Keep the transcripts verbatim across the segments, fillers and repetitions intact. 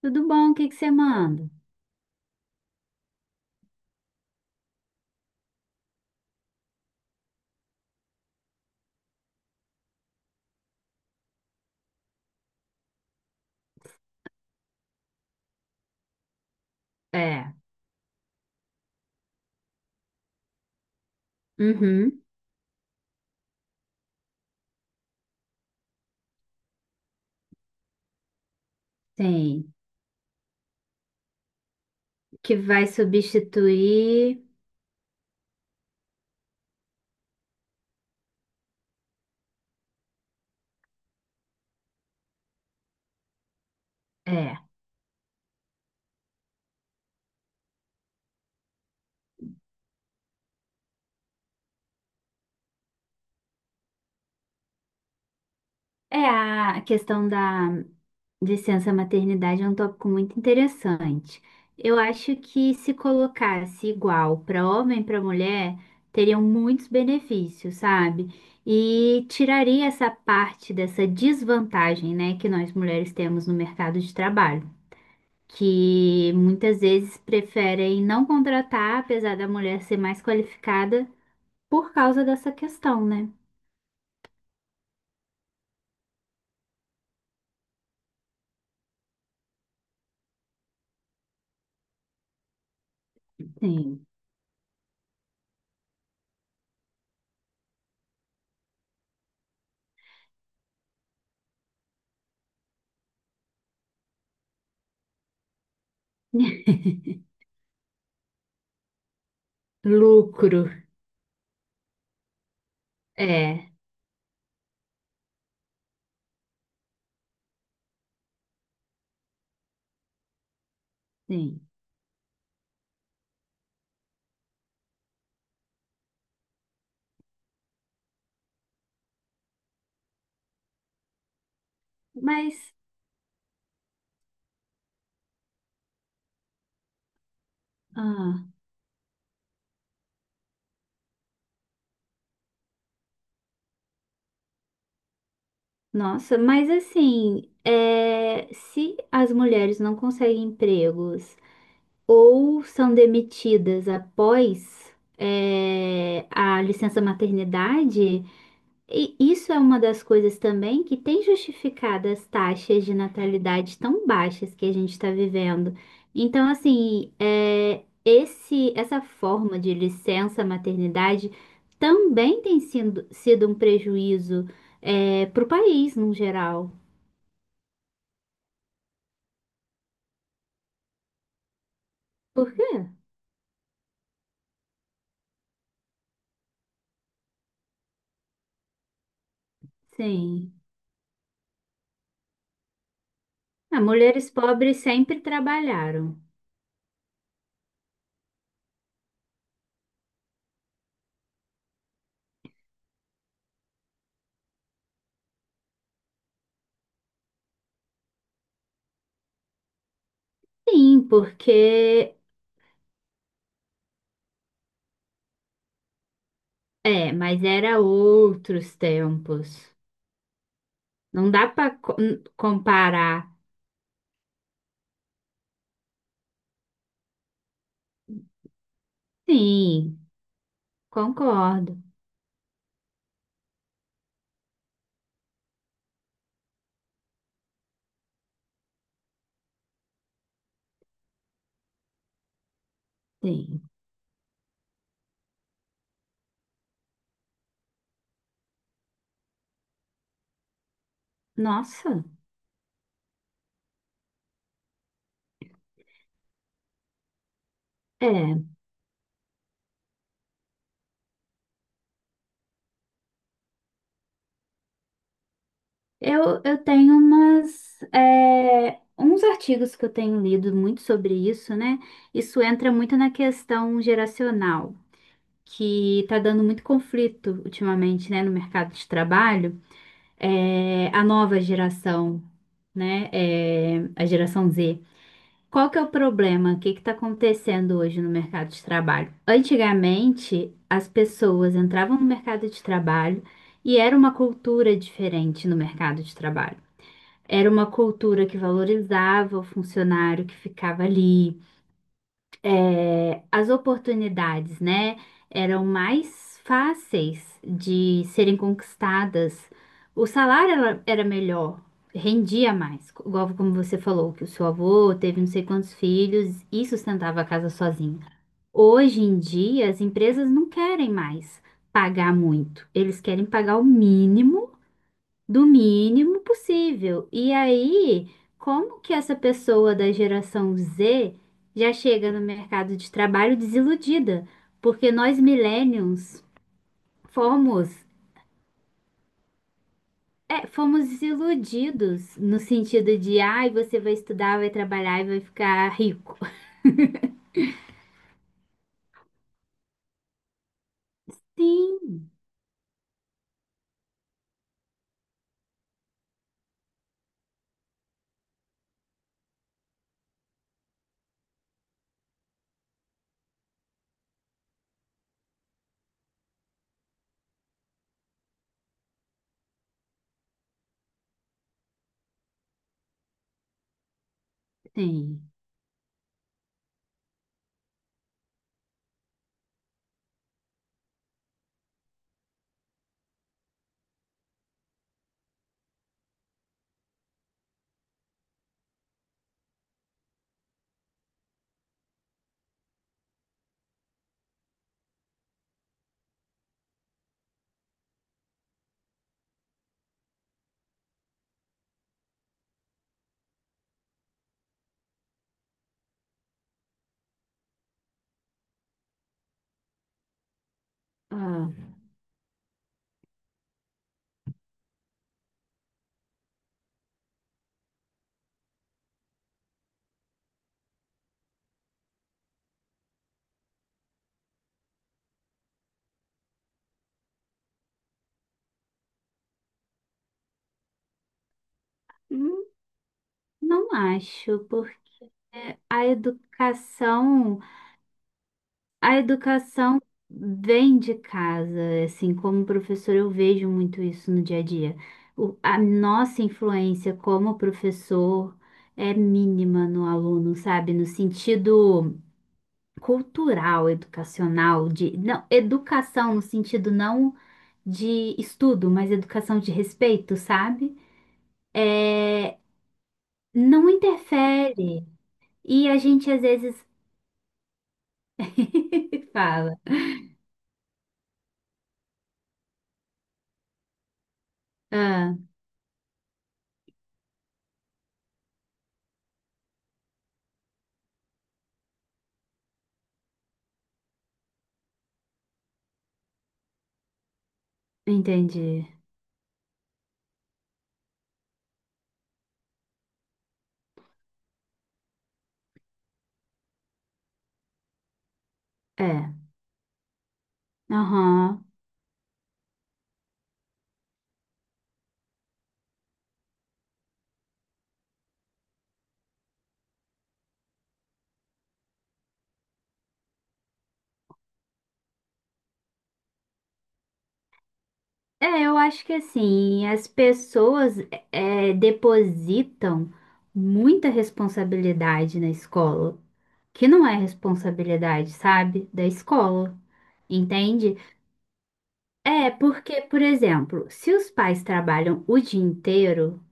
Tudo bom? O que que você manda? É. Uhum, tem. Que vai substituir. É. É a questão da licença maternidade é um tópico muito interessante. Eu acho que se colocasse igual para homem e para mulher, teriam muitos benefícios, sabe? E tiraria essa parte dessa desvantagem, né, que nós mulheres temos no mercado de trabalho. Que muitas vezes preferem não contratar, apesar da mulher ser mais qualificada, por causa dessa questão, né? Sim. Lucro, é, sim. Mas, ah, nossa, mas assim, é, se as mulheres não conseguem empregos ou são demitidas após, é, a licença maternidade, e isso é uma das coisas também que tem justificado as taxas de natalidade tão baixas que a gente está vivendo. Então, assim, é, esse, essa forma de licença maternidade também tem sido, sido um prejuízo para o país, no geral. Por quê? Sim. Ah, mulheres pobres sempre trabalharam. Sim, porque é, mas era outros tempos. Não dá para comparar. Sim, concordo. Sim. Nossa, é. Eu, eu tenho umas, é, uns artigos que eu tenho lido muito sobre isso, né? Isso entra muito na questão geracional, que está dando muito conflito ultimamente, né, no mercado de trabalho. É, a nova geração, né? É, a geração Z. Qual que é o problema? O que está acontecendo hoje no mercado de trabalho? Antigamente, as pessoas entravam no mercado de trabalho e era uma cultura diferente no mercado de trabalho. Era uma cultura que valorizava o funcionário que ficava ali, é, as oportunidades, né, eram mais fáceis de serem conquistadas. O salário ela- era melhor, rendia mais, co- igual como você falou, que o seu avô teve não sei quantos filhos e sustentava a casa sozinho. Hoje em dia, as empresas não querem mais pagar muito, eles querem pagar o mínimo do mínimo possível. E aí, como que essa pessoa da geração Z já chega no mercado de trabalho desiludida? Porque nós millennials fomos, é, fomos desiludidos no sentido de, ai, você vai estudar, vai trabalhar e vai ficar rico. Sim, sim. Ah, hum, não acho, porque a educação a educação vem de casa, assim, como professor eu vejo muito isso no dia a dia. O- a nossa influência como professor é mínima no aluno, sabe? No sentido cultural, educacional, de, não, educação no sentido não de estudo, mas educação de respeito, sabe? É, não interfere. E a gente às vezes fala, ah, entendi. É, aham. É, eu acho que assim, as pessoas é, depositam muita responsabilidade na escola, que não é responsabilidade, sabe, da escola, entende? É, porque, por exemplo, se os pais trabalham o dia inteiro,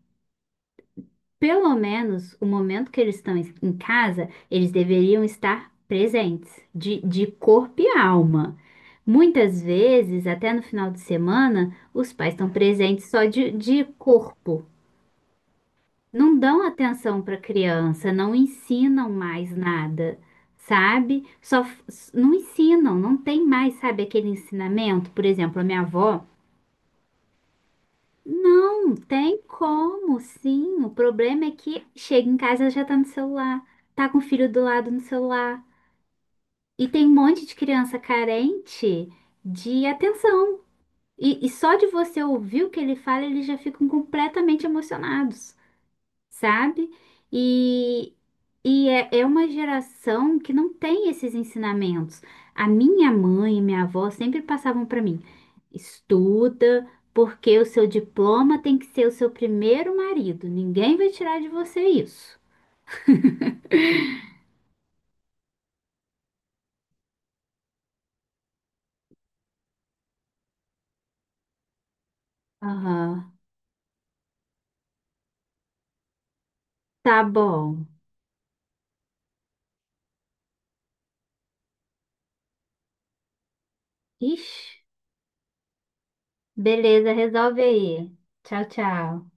pelo menos o momento que eles estão em em casa, eles deveriam estar presentes, de, de corpo e alma. Muitas vezes, até no final de semana, os pais estão presentes só de, de corpo. Não dão atenção para a criança, não ensinam mais nada, sabe? Só f- s- não ensinam, não tem mais, sabe, aquele ensinamento. Por exemplo, a minha avó, não tem como, sim. O problema é que chega em casa ela já tá no celular, tá com o filho do lado no celular. E tem um monte de criança carente de atenção. E, e só de você ouvir o que ele fala, eles já ficam completamente emocionados. Sabe? E, e é, é uma geração que não tem esses ensinamentos. A minha mãe e minha avó sempre passavam para mim: estuda, porque o seu diploma tem que ser o seu primeiro marido. Ninguém vai tirar de você isso. Aham, tá bom. Ixi, beleza, resolve aí. Tchau, tchau.